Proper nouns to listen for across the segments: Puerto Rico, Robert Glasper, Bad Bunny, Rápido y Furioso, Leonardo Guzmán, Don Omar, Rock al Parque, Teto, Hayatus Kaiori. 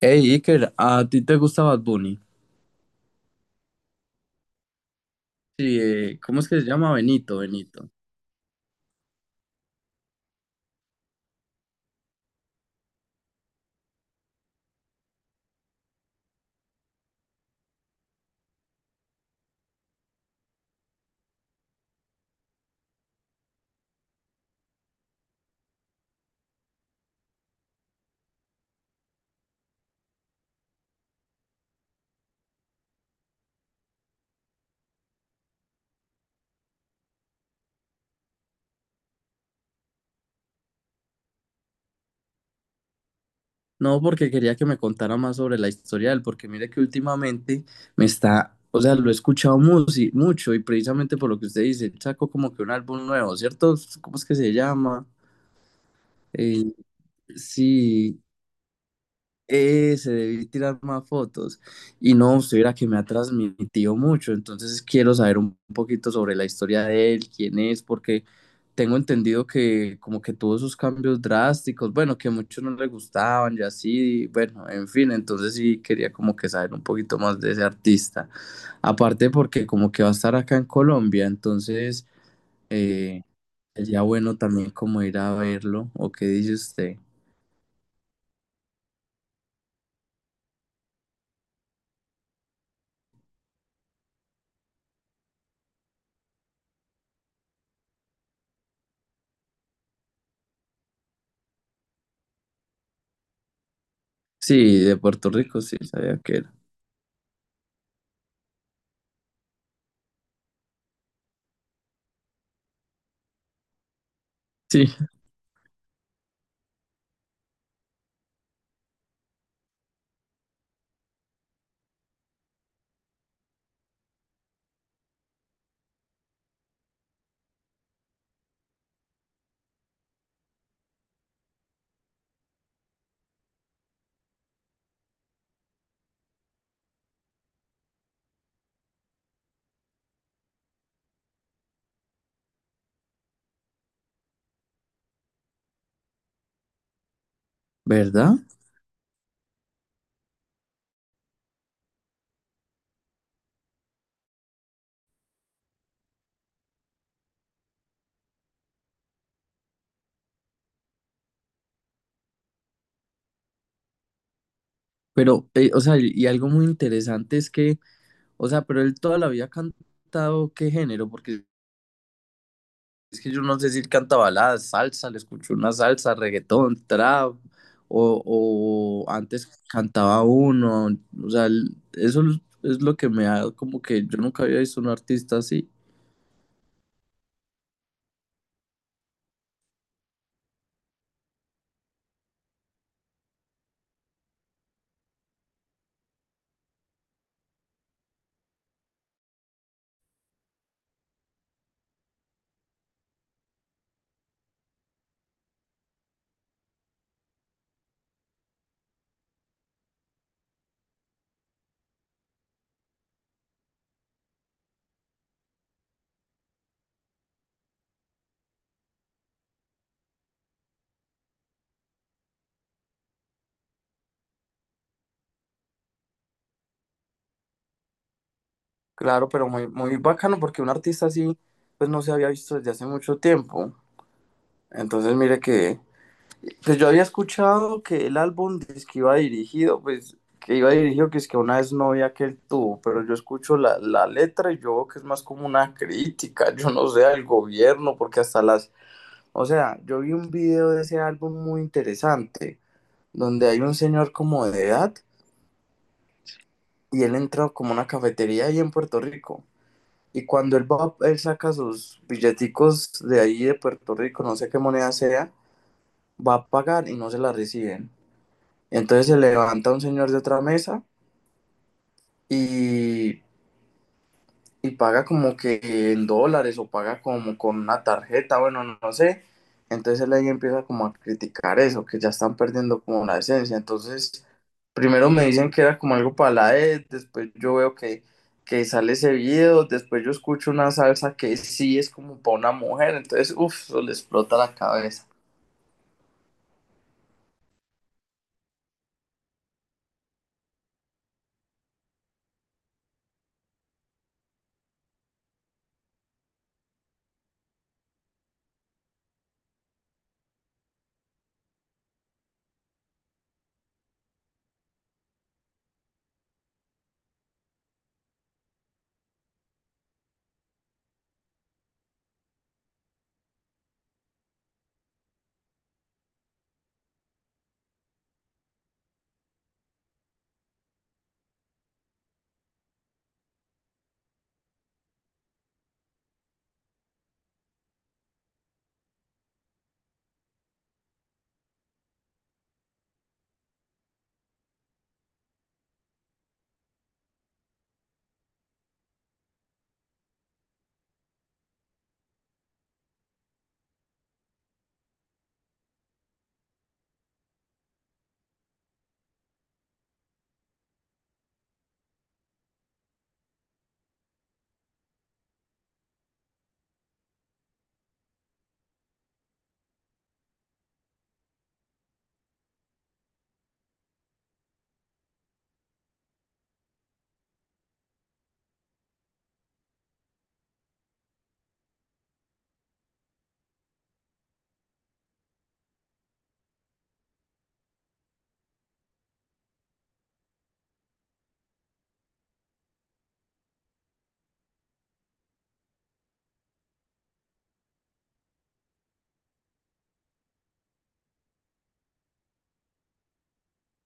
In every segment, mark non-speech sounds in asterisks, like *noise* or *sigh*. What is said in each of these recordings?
Hey Iker, ¿a ti te gusta Bad Bunny? Sí, ¿cómo es que se llama? Benito, Benito. No, porque quería que me contara más sobre la historia de él, porque mire que últimamente me está, o sea, lo he escuchado sí, mucho y precisamente por lo que usted dice, sacó como que un álbum nuevo, ¿cierto? ¿Cómo es que se llama? Eh, sí. Ese, debí tirar más fotos. Y no, usted verá que me ha transmitido mucho, entonces quiero saber un poquito sobre la historia de él, quién es, porque tengo entendido que como que tuvo esos cambios drásticos, bueno, que muchos no le gustaban y así, bueno, en fin, entonces sí quería como que saber un poquito más de ese artista. Aparte porque como que va a estar acá en Colombia, entonces eh, sería bueno también como ir a verlo, ¿o qué dice usted? Sí, de Puerto Rico, sí, sabía que era. Sí. ¿Verdad? Pero, o sea, y algo muy interesante es que, o sea, pero él toda la vida ha cantado qué género, porque es que yo no sé si él canta baladas, salsa, le escucho una salsa, reggaetón, trap, o, o antes cantaba uno, o sea, eso es lo que me ha, como que yo nunca había visto un artista así. Claro, pero muy, muy bacano porque un artista así, pues no se había visto desde hace mucho tiempo. Entonces, mire que pues yo había escuchado que el álbum es que iba dirigido, pues que iba dirigido que es que a una vez novia que él tuvo, pero yo escucho la letra y yo veo que es más como una crítica, yo no sé, al gobierno, porque hasta las, o sea, yo vi un video de ese álbum muy interesante, donde hay un señor como de edad y él entra como a una cafetería ahí en Puerto Rico. Y cuando él va, él saca sus billeticos de ahí de Puerto Rico, no sé qué moneda sea, va a pagar y no se la reciben. Entonces se levanta un señor de otra mesa y, paga como que en dólares o paga como con una tarjeta, bueno, no, no sé. Entonces él ahí empieza como a criticar eso, que ya están perdiendo como la esencia. Entonces, primero me dicen que era como algo para la ED después yo veo que, sale ese video, después yo escucho una salsa que sí es como para una mujer. Entonces, uff, eso le explota la cabeza.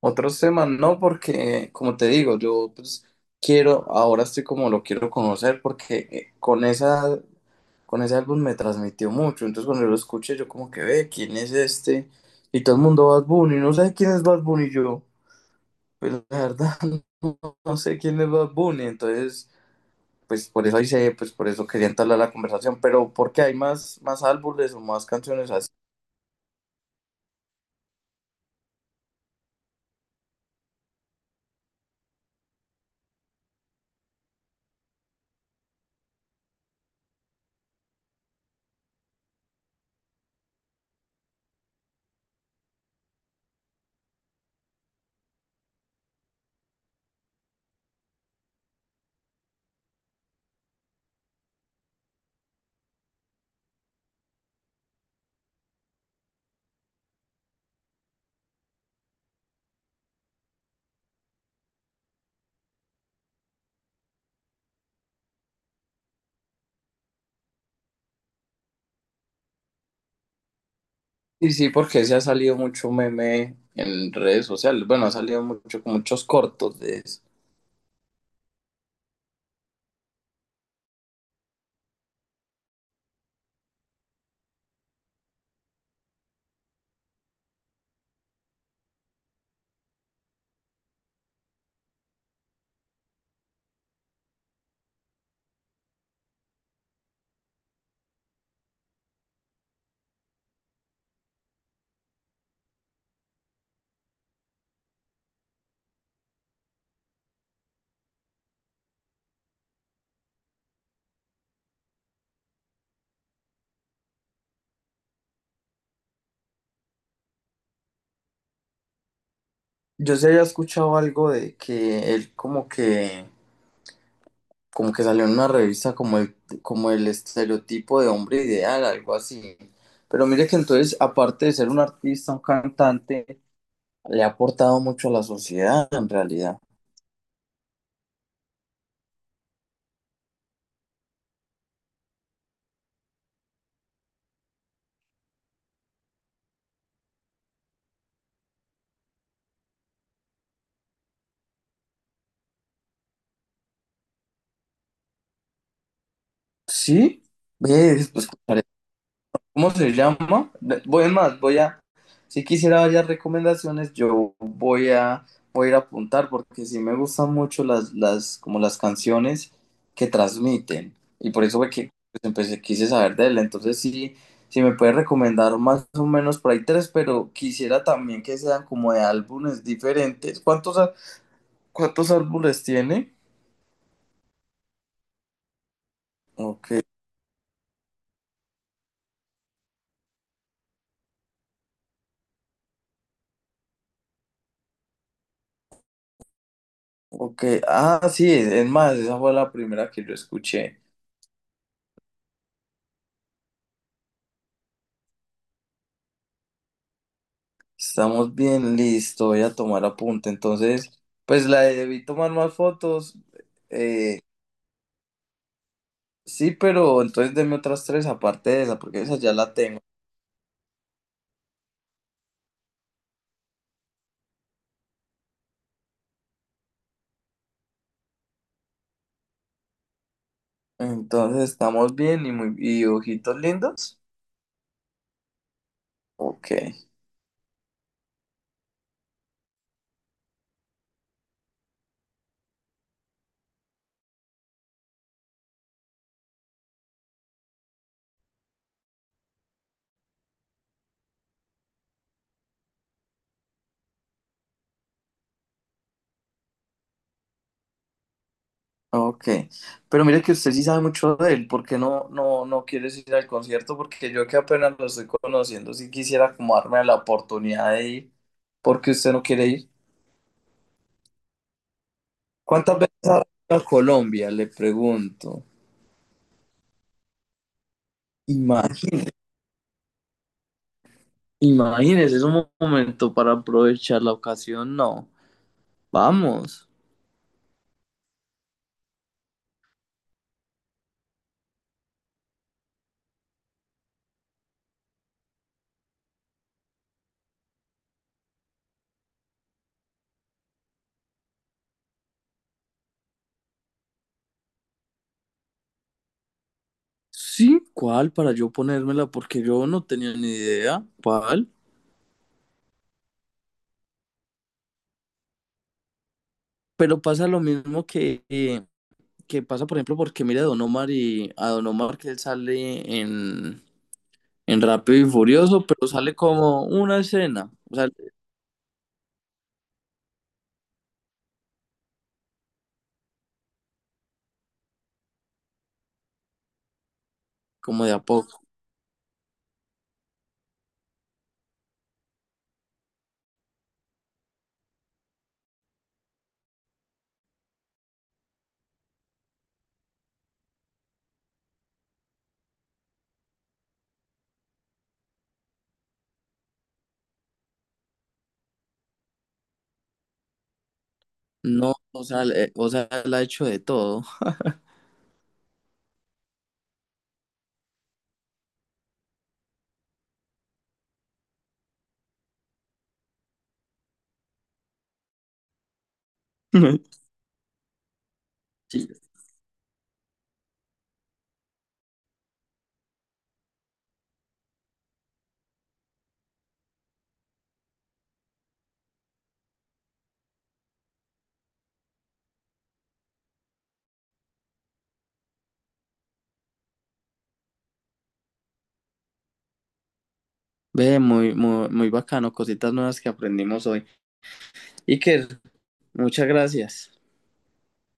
Otros temas no, porque como te digo, yo pues quiero, ahora estoy como lo quiero conocer porque con ese álbum me transmitió mucho, entonces cuando yo lo escuché yo como que ve, ¿quién es este? Y todo el mundo Bad Bunny, no sé quién es Bad Bunny yo, pues la verdad *laughs* no, no sé quién es Bad Bunny, entonces pues por eso quería entablar la conversación, pero porque hay más álbumes o más canciones. Sí, sí, porque se ha salido mucho meme en redes sociales. Bueno, ha salido mucho, muchos cortos de eso. Yo sí había escuchado algo de que él como que salió en una revista como el estereotipo de hombre ideal, algo así. Pero mire que entonces, aparte de ser un artista, un cantante, le ha aportado mucho a la sociedad en realidad. Sí, ¿ves? Pues, ¿cómo se llama? De- Voy es más, voy a, si quisiera varias recomendaciones, yo voy a ir a apuntar porque sí me gustan mucho las, como las canciones que transmiten. Y por eso fue que pues, quise saber de él. Entonces sí, sí me puede recomendar más o menos por ahí tres, pero quisiera también que sean como de álbumes diferentes. ¿Cuántos, cuántos álbumes tiene? Ok, ok. Ah, sí, es más, esa fue la primera que yo escuché. Estamos bien, listo, voy a tomar apunte. Entonces, pues la de debí tomar más fotos. eh, sí, pero entonces deme otras tres aparte de esa, porque esa ya la tengo. Entonces, estamos bien y muy y ojitos lindos. Ok, ok. Pero mire que usted sí sabe mucho de él, ¿por qué no, no, no quieres ir al concierto? Porque yo que apenas lo estoy conociendo, sí quisiera como darme la oportunidad de ir, porque usted no quiere ir. ¿Cuántas veces ha venido a Colombia? Le pregunto. Y más. Imagínense, es un momento para aprovechar la ocasión, no. Vamos. Sí, ¿cuál? Para yo ponérmela, porque yo no tenía ni idea. ¿Cuál? Pero pasa lo mismo que, que pasa, por ejemplo, porque mira a Don Omar y a Don Omar que él sale en Rápido y Furioso, pero sale como una escena, o sea, como de a poco. No, o sea, o sea, él ha hecho de todo. *laughs* Sí. Ve, muy, muy, muy bacano, cositas nuevas que aprendimos hoy. Iker, muchas gracias.